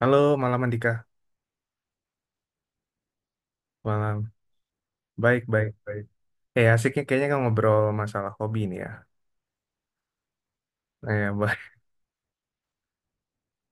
Halo, malam Andika. Malam. Baik, baik, baik. Asiknya kayaknya kan ngobrol masalah hobi nih ya. Baik.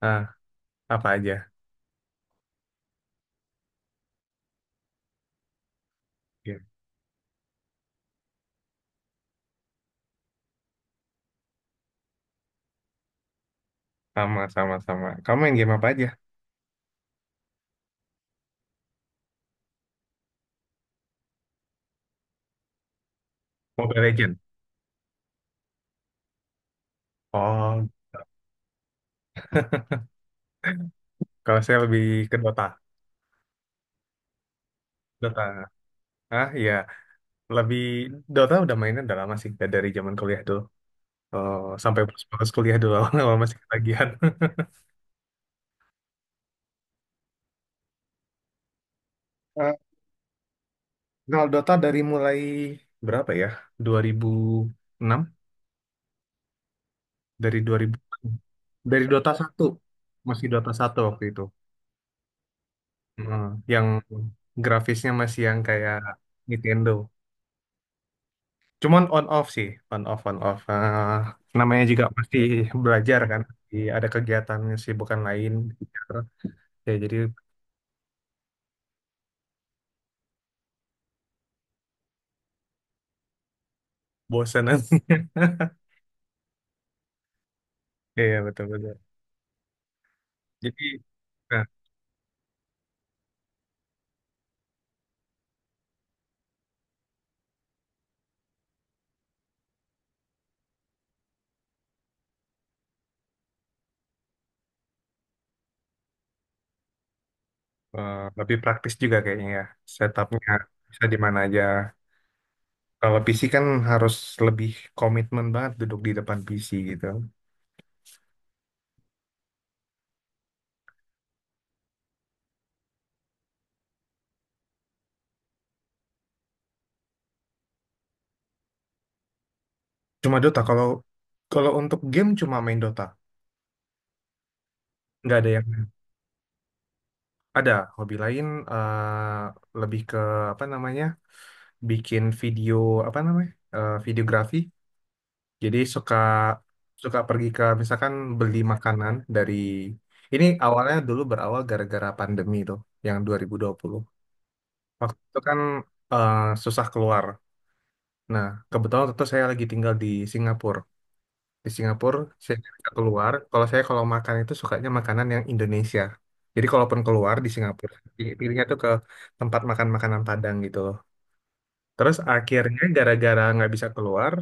Ah, apa aja? Iya. Sama, sama, sama. Kamu main game apa aja? Mobile Legend. Oh, kalau saya lebih ke Dota. Dota. Ah, iya. Lebih Dota udah mainnya udah lama sih, dari zaman kuliah dulu. Oh, sampai pas kuliah dulu awal masih ketagihan. Eh, Kalau Dota dari mulai berapa ya? 2006, dari dua ribu, dari Dota satu, masih Dota satu waktu itu. Heeh. Yang grafisnya masih yang kayak Nintendo, cuman on off sih, on off on off. Namanya juga pasti belajar kan. Jadi ada kegiatan bukan lain, ya jadi bosan nanti. Iya betul betul, jadi nah, lebih praktis juga kayaknya ya setupnya, bisa di mana aja. Kalau PC kan harus lebih komitmen banget duduk di depan PC gitu. Cuma Dota. Kalau kalau untuk game cuma main Dota. Nggak ada yang ada hobi lain, eh, lebih ke apa namanya? Bikin video, apa namanya? Videografi. Jadi suka suka pergi ke misalkan beli makanan dari ini. Awalnya dulu berawal gara-gara pandemi tuh, yang 2020. Waktu itu kan, eh, susah keluar. Nah, kebetulan waktu itu saya lagi tinggal di Singapura. Di Singapura saya nggak keluar, kalau saya kalau makan itu sukanya makanan yang Indonesia. Jadi kalaupun keluar di Singapura, pilihnya tuh ke tempat makan makanan Padang gitu loh. Terus akhirnya gara-gara nggak bisa keluar,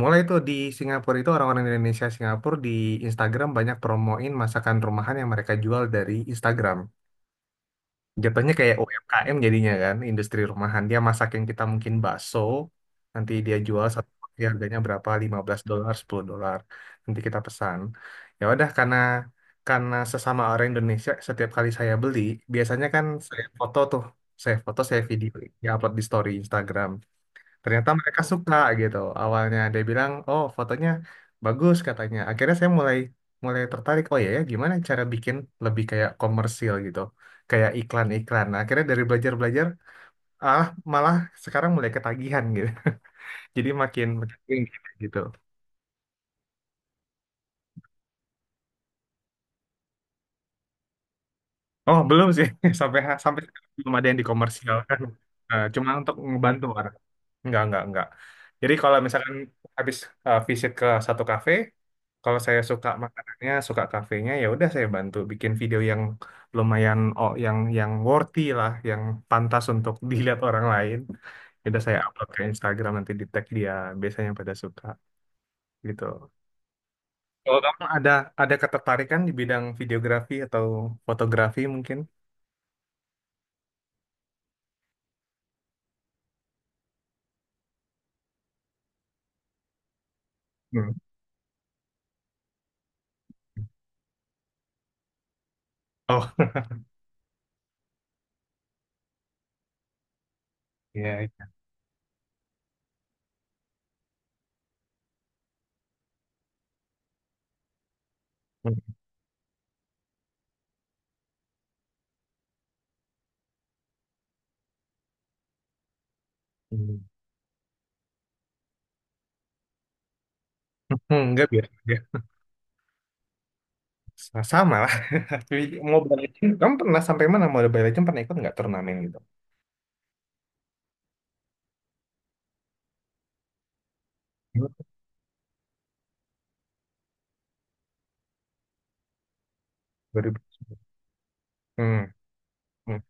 mulai tuh di Singapura itu orang-orang Indonesia Singapura di Instagram banyak promoin masakan rumahan yang mereka jual dari Instagram. Jatuhnya kayak UMKM jadinya kan, industri rumahan. Dia masak yang kita mungkin bakso, nanti dia jual satu porsi harganya berapa, 15 dolar, 10 dolar. Nanti kita pesan. Ya udah karena sesama orang Indonesia, setiap kali saya beli, biasanya kan saya foto tuh, saya foto, saya video, ya upload di story Instagram. Ternyata mereka suka gitu, awalnya dia bilang oh fotonya bagus katanya. Akhirnya saya mulai mulai tertarik oh ya ya gimana cara bikin lebih kayak komersil gitu, kayak iklan-iklan. Nah, akhirnya dari belajar-belajar ah malah sekarang mulai ketagihan gitu. Jadi makin makin gitu. Oh belum sih, sampai sampai sekarang belum ada yang dikomersialkan. Cuma untuk ngebantu orang. Enggak, enggak. Jadi kalau misalkan habis visit ke satu kafe, kalau saya suka makanannya, suka kafenya, ya udah saya bantu bikin video yang lumayan, oh yang worthy lah, yang pantas untuk dilihat orang lain. Ya udah saya upload ke Instagram nanti di tag dia, biasanya pada suka gitu. Kalau kamu ada ketertarikan di bidang videografi atau fotografi mungkin? Hmm. Oh, iya. Hmm. Enggak biasa. Sama lah. Tapi Mobile Legends, kamu pernah sampai mana Mobile Legends pernah ikut nggak turnamen gitu? Ikut. 2000. Hmm. Hmm.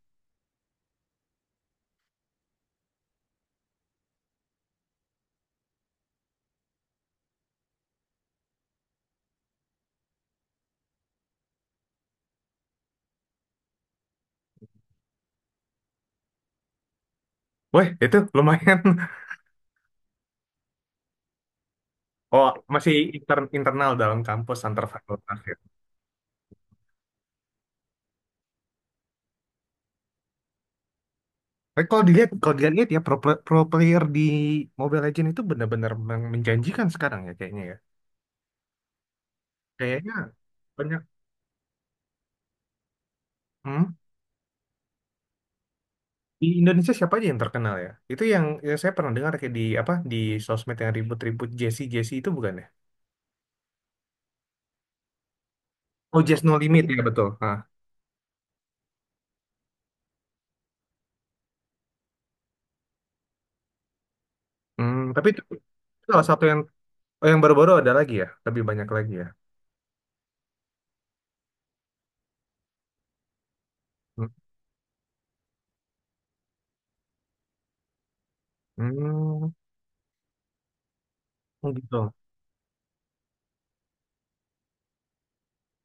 Wih, itu lumayan. Oh, masih internal dalam kampus antar fakultas ya. Tapi kalau dilihat ya pro, pro player di Mobile Legends itu benar-benar menjanjikan sekarang ya. Kayaknya banyak. Hmm? Di Indonesia siapa aja yang terkenal ya? Itu yang saya pernah dengar kayak di apa di sosmed yang ribut-ribut Jesse Jesse itu bukan ya? Oh, Just No Limit ya betul. Ah. Hmm, tapi itu oh, satu yang oh, yang baru-baru ada lagi ya, lebih banyak lagi ya. Hmm, hmm, oh gitu.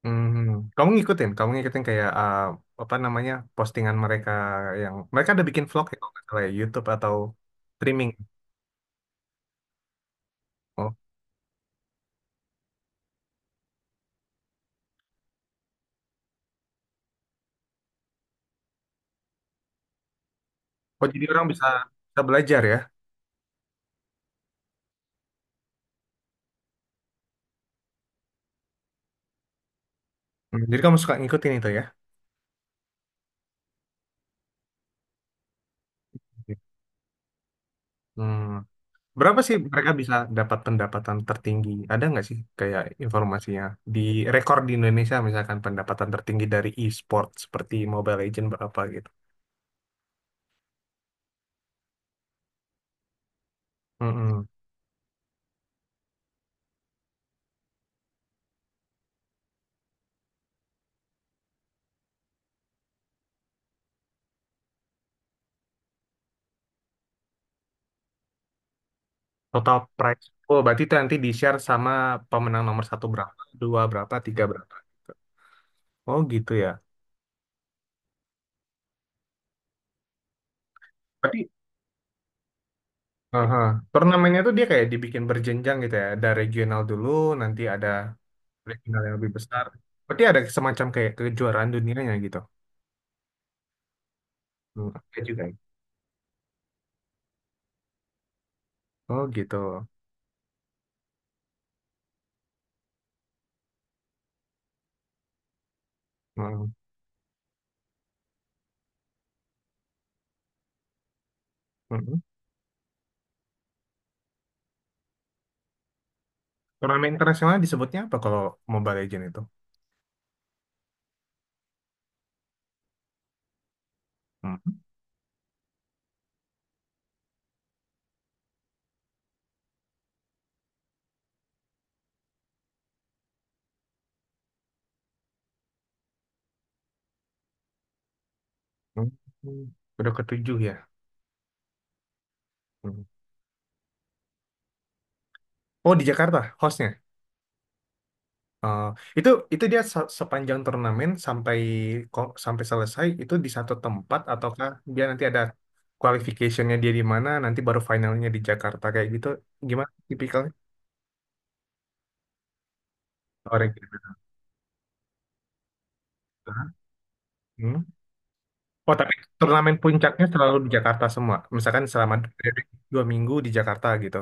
Hmm, kamu ngikutin kayak apa namanya postingan mereka yang mereka ada bikin vlog ya, kalau nggak salah ya, YouTube atau streaming. Oh, oh jadi orang bisa bisa belajar ya. Hmm, jadi kamu suka ngikutin itu ya? Hmm, berapa sih mereka bisa dapat pendapatan tertinggi? Ada nggak sih kayak informasinya di rekor di Indonesia misalkan pendapatan tertinggi dari e-sport seperti Mobile Legends berapa gitu? Mm-mm. Total price. Oh, berarti itu nanti di-share sama pemenang nomor satu berapa, dua berapa, tiga berapa, gitu. Oh, gitu ya. Berarti aha. Turnamennya tuh dia kayak dibikin berjenjang gitu ya. Ada regional dulu, nanti ada regional yang lebih besar. Berarti ada semacam kayak kejuaraan dunianya gitu. Hmm, ada juga ya. Oh, gitu. Hmm, hmm. Hmm. Turnamen internasional disebutnya apa kalau Mobile Legends itu? Hmm. Hmm. Hmm. Udah ketujuh ya. Hmm. Oh, di Jakarta hostnya. eh, itu itu dia sepanjang turnamen sampai sampai selesai itu di satu tempat, ataukah dia nanti ada qualificationnya dia di mana nanti baru finalnya di Jakarta kayak gitu, gimana tipikalnya orang gitu. Hmm. Oh tapi turnamen puncaknya selalu di Jakarta semua misalkan selama dua minggu di Jakarta gitu.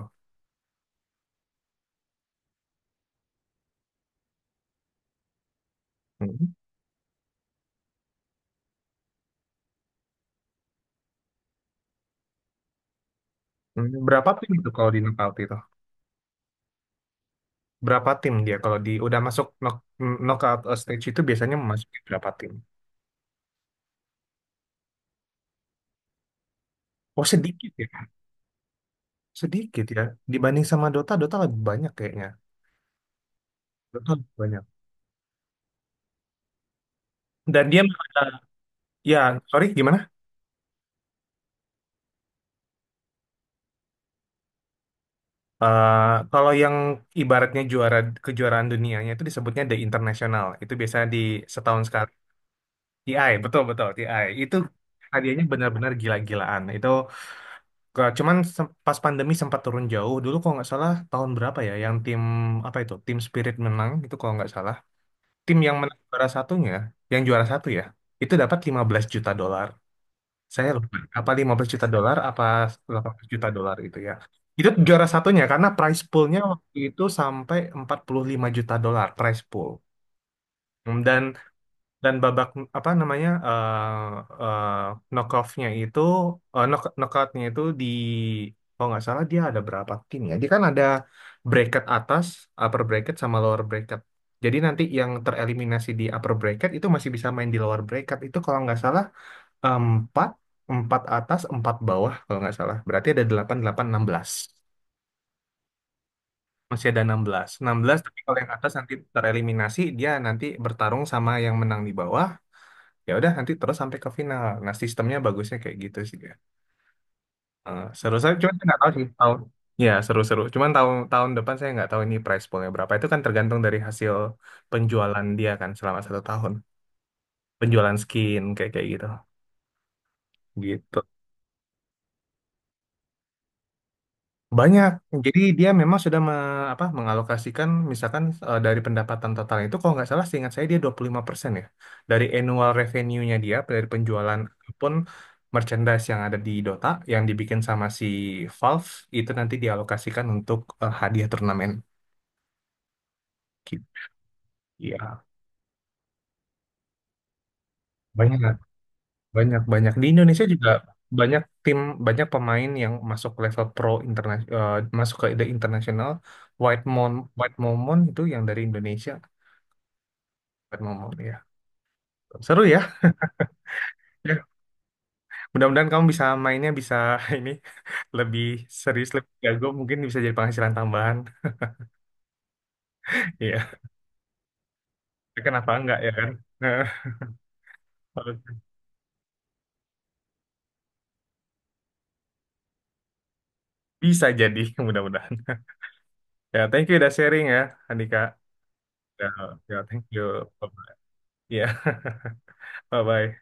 Hmm. Hmm, berapa tim itu kalau di knockout itu? Berapa tim dia kalau di udah masuk knockout stage itu biasanya masukin berapa tim? Oh sedikit ya. Sedikit ya. Dibanding sama Dota, Dota lebih banyak kayaknya. Dota lebih banyak. Dan dia ada. Ya, sorry gimana? Eh, Kalau yang ibaratnya juara kejuaraan dunianya itu disebutnya the internasional. Itu biasanya di setahun sekali. TI, betul betul TI. Itu hadiahnya benar-benar gila-gilaan. Itu cuman pas pandemi sempat turun jauh. Dulu kalau nggak salah tahun berapa ya yang tim apa itu? Tim Spirit menang itu kalau nggak salah. Tim yang menang juara satunya, yang juara satu ya, itu dapat 15 juta dolar. Saya lupa apa 15 juta dolar apa 18 juta dolar itu ya, itu juara satunya karena prize poolnya waktu itu sampai 45 juta dolar prize pool. Hmm, dan babak apa namanya eh, knockoffnya itu knockoutnya itu di kalau nggak salah dia ada berapa tim ya, dia kan ada bracket atas, upper bracket sama lower bracket, jadi nanti yang tereliminasi di upper bracket itu masih bisa main di lower bracket itu kalau nggak salah. Empat, empat atas, empat bawah kalau nggak salah. Berarti ada delapan, delapan, enam belas. Masih ada enam belas. Enam belas, tapi kalau yang atas nanti tereliminasi, dia nanti bertarung sama yang menang di bawah. Ya udah, nanti terus sampai ke final. Nah, sistemnya bagusnya kayak gitu sih ya. Seru saya cuman saya nggak tahu sih tahun. Ya, seru-seru. Cuman tahun tahun depan saya nggak tahu ini price poolnya berapa. Itu kan tergantung dari hasil penjualan dia kan selama satu tahun. Penjualan skin kayak kayak gitu. Gitu. Banyak. Jadi dia memang sudah apa, mengalokasikan misalkan dari pendapatan total itu kalau nggak salah seingat saya dia 25% ya. Dari annual revenue-nya dia dari penjualan pun merchandise yang ada di Dota yang dibikin sama si Valve itu nanti dialokasikan untuk hadiah turnamen. Gitu. Ya, banyak, banyak, banyak. Di Indonesia juga banyak tim, banyak pemain yang masuk level pro internasional, masuk ke the international. White Mon, White Momon itu yang dari Indonesia. White Momon iya. Seru ya. Ya. Mudah-mudahan kamu bisa mainnya bisa ini lebih serius, lebih jago, mungkin bisa jadi penghasilan tambahan. Iya. Kenapa enggak ya kan? Nah, bisa jadi, mudah-mudahan. Ya, thank you udah sharing ya, Andika. Ya, ya, thank you. Bye-bye. Ya, bye-bye.